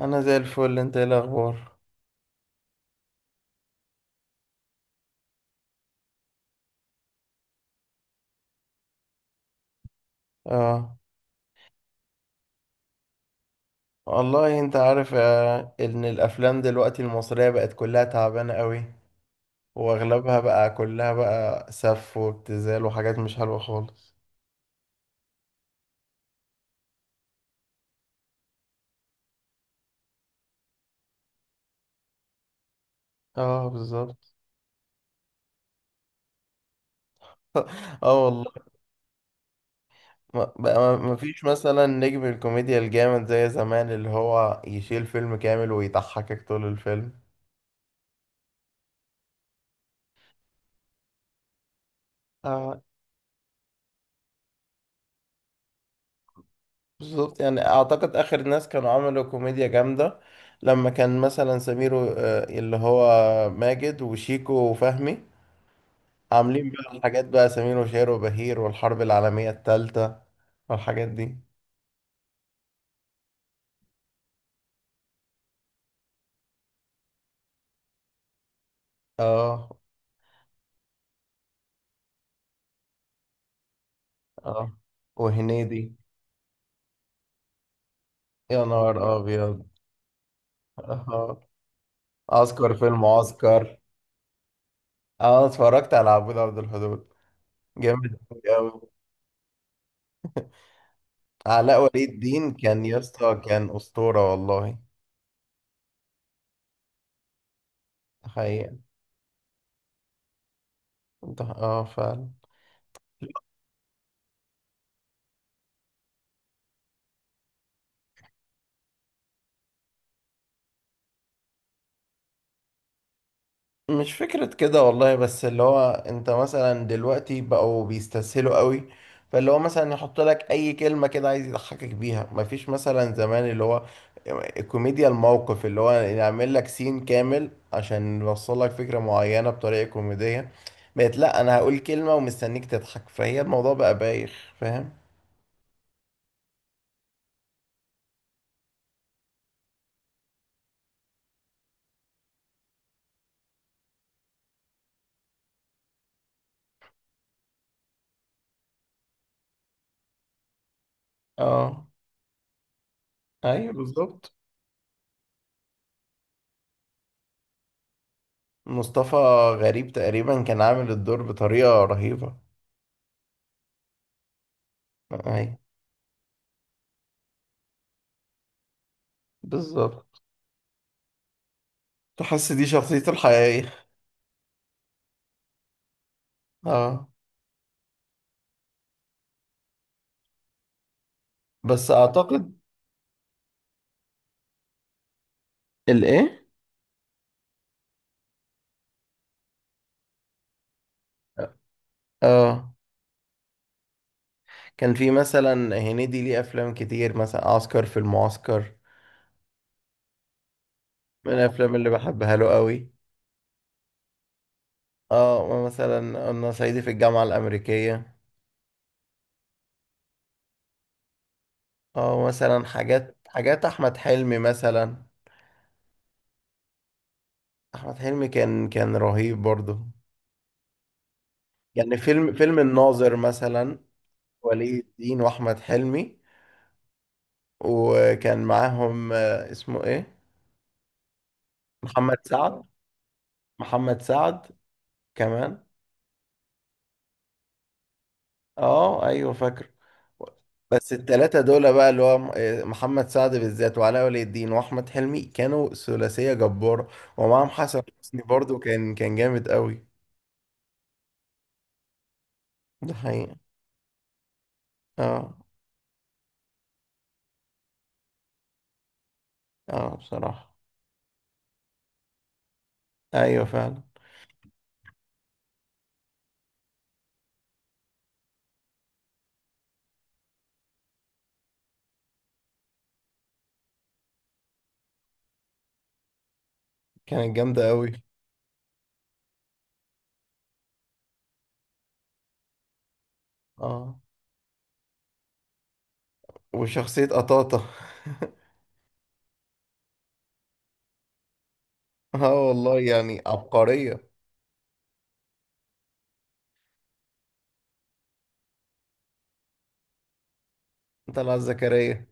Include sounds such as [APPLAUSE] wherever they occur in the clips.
انا زي الفل. انت ايه الاخبار؟ اه والله انت عارف، ان الافلام دلوقتي المصرية بقت كلها تعبانة قوي، واغلبها بقى كلها بقى سف وابتذال وحاجات مش حلوة خالص. اه بالظبط. اه والله. بقى ما فيش مثلا نجم الكوميديا الجامد زي زمان اللي هو يشيل فيلم كامل ويضحكك طول الفيلم. اه بالظبط. يعني اعتقد اخر ناس كانوا عملوا كوميديا جامدة لما كان مثلا سمير اللي هو ماجد وشيكو وفهمي، عاملين بقى الحاجات بقى سمير وشهير وبهير والحرب العالمية التالتة والحاجات دي. اه. اه وهنيدي. يا نهار ابيض. اه. عسكر في المعسكر. اه اتفرجت على عبود عبد الحدود. جامد أوي أوي. علاء ولي الدين كان يا اسطى كان اسطورة والله. حقيقة. اه فعلا. مش فكرة كده والله، بس اللي هو انت مثلا دلوقتي بقوا بيستسهلوا قوي، فاللي هو مثلا يحط لك اي كلمة كده عايز يضحكك بيها. مفيش مثلا زمان اللي هو كوميديا الموقف اللي هو يعمل لك سين كامل عشان يوصل لك فكرة معينة بطريقة كوميدية. بقت لا، انا هقول كلمة ومستنيك تضحك، فهي الموضوع بقى بايخ، فاهم. اه. ايوه بالظبط. مصطفى غريب تقريبا كان عامل الدور بطريقة رهيبة. ايوه بالظبط. تحس دي شخصيته الحقيقية. اه. بس اعتقد. الايه؟ اه كان في مثلا هنيدي ليه افلام كتير، مثلا عسكر في المعسكر من الافلام اللي بحبها له قوي. اه مثلا انا صعيدي في الجامعة الامريكية. اه مثلا حاجات حاجات احمد حلمي مثلا. احمد حلمي كان رهيب برضه. يعني فيلم الناظر مثلا. ولي الدين واحمد حلمي. وكان معاهم، اسمه ايه؟ محمد سعد. محمد سعد كمان. اه ايوه فاكر. بس التلاتة دول بقى اللي هو محمد سعد بالذات وعلاء ولي الدين واحمد حلمي كانوا ثلاثية جبارة. ومعاهم حسن حسني برضو، كان جامد قوي. ده حقيقة. اه. اه بصراحة. ايوه فعلا. كانت جامدة قوي. اه. وشخصية قطاطة. [LAUGHS] اه والله يعني عبقرية. طلعت زكريا.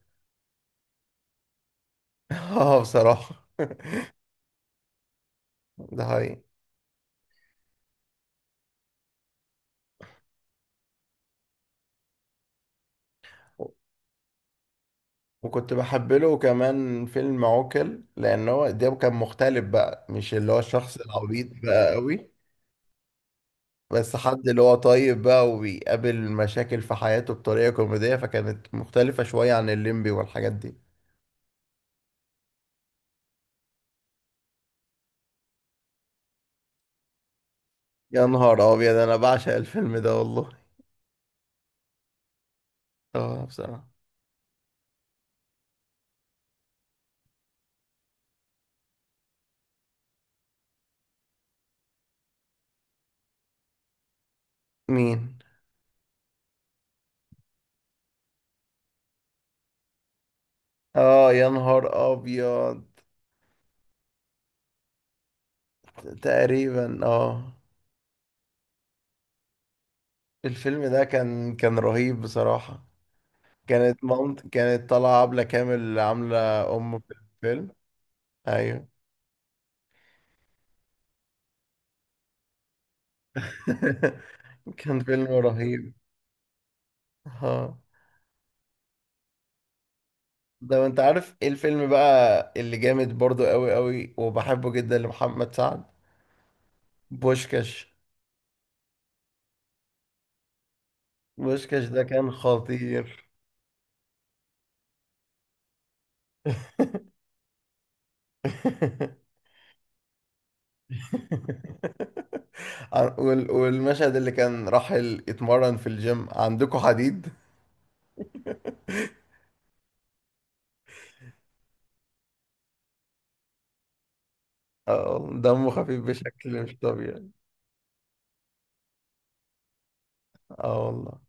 [LAUGHS] اه بصراحة. [LAUGHS] ده حقيقي. وكنت بحب له كمان فيلم عوكل، لان هو ده كان مختلف بقى، مش اللي هو الشخص العبيط بقى قوي، بس حد اللي هو طيب بقى وبيقابل مشاكل في حياته بطريقة كوميدية، فكانت مختلفة شوية عن الليمبي والحاجات دي. يا نهار ابيض، انا بعشق الفيلم ده والله. اه بصراحة. مين؟ اه يا نهار ابيض. تقريبا اه. الفيلم ده كان رهيب بصراحة. كانت مامت كانت طالعة عبلة كامل عاملة أم في الفيلم. ايوه. [LAUGHS] كان فيلم رهيب. ها. ده انت عارف ايه الفيلم بقى اللي جامد برضو قوي قوي وبحبه جدا لمحمد سعد؟ بوشكاش. بوشكاش ده كان خطير. [LAUGHS] والمشهد اللي كان راح يتمرن في الجيم، عندكم حديد. اه والله، دمه خفيف بشكل مش طبيعي. اه والله.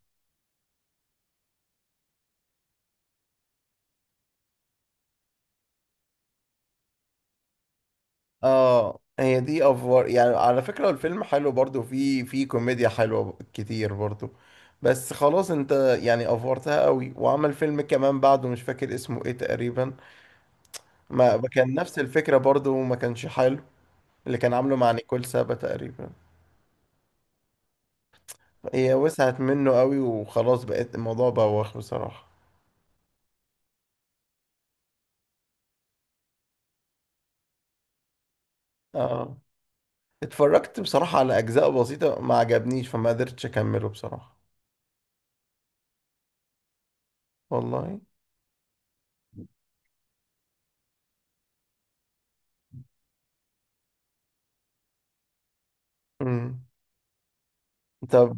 اه هي دي افوار، يعني على فكرة الفيلم حلو برضو، في في كوميديا حلوة كتير برضو، بس خلاص، انت يعني افورتها قوي. وعمل فيلم كمان بعده مش فاكر اسمه ايه تقريبا، ما كان نفس الفكرة برضو، وما كانش حلو، اللي كان عامله مع نيكول سابا تقريبا. هي وسعت منه قوي، وخلاص بقت الموضوع بوخ بصراحة. اه اتفرجت بصراحة على اجزاء بسيطة ما عجبنيش، فما قدرتش اكمله بصراحة. والله. امم. طب.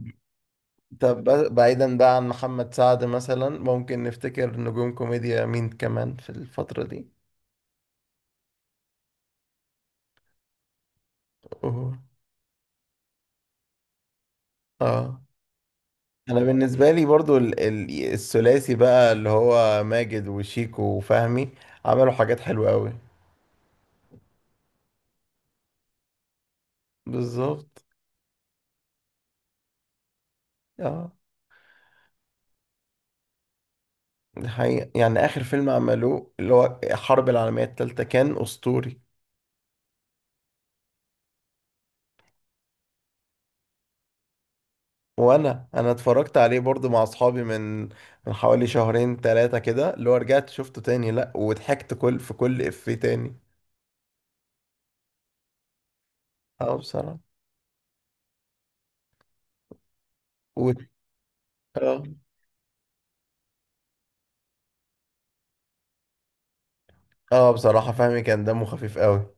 طب بعيدا بقى عن محمد سعد، مثلا ممكن نفتكر نجوم كوميديا مين كمان في الفترة دي؟ أوه. اه انا بالنسبة لي برضو الثلاثي بقى اللي هو ماجد وشيكو وفهمي، عملوا حاجات حلوة قوي. بالظبط. اه. دي حقيقة، يعني آخر فيلم عملوه اللي هو الحرب العالمية التالتة كان أسطوري. وأنا اتفرجت عليه برضو مع أصحابي من حوالي شهرين تلاتة كده، اللي هو رجعت شفته تاني، لأ، وضحكت كل في كل إفيه تاني. اه بصراحة. و... اه. اه بصراحة فهمي كان دمه خفيف قوي.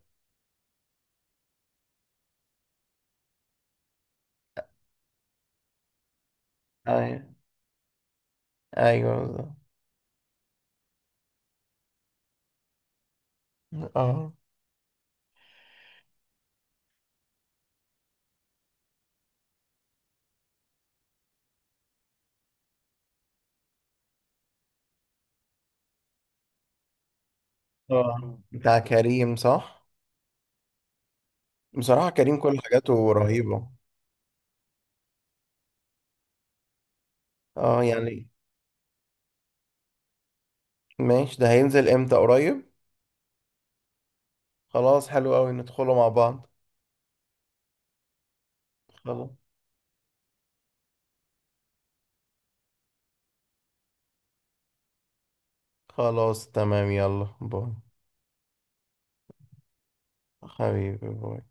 ايوه. ايوه بالظبط. اه. اه بتاع كريم، صح. بصراحة كريم كل حاجاته رهيبة. اه يعني. ماشي، ده هينزل امتى؟ قريب. خلاص حلو قوي، ندخله مع بعض. خلاص. خلاص تمام، يلا باي. حبيبي باي.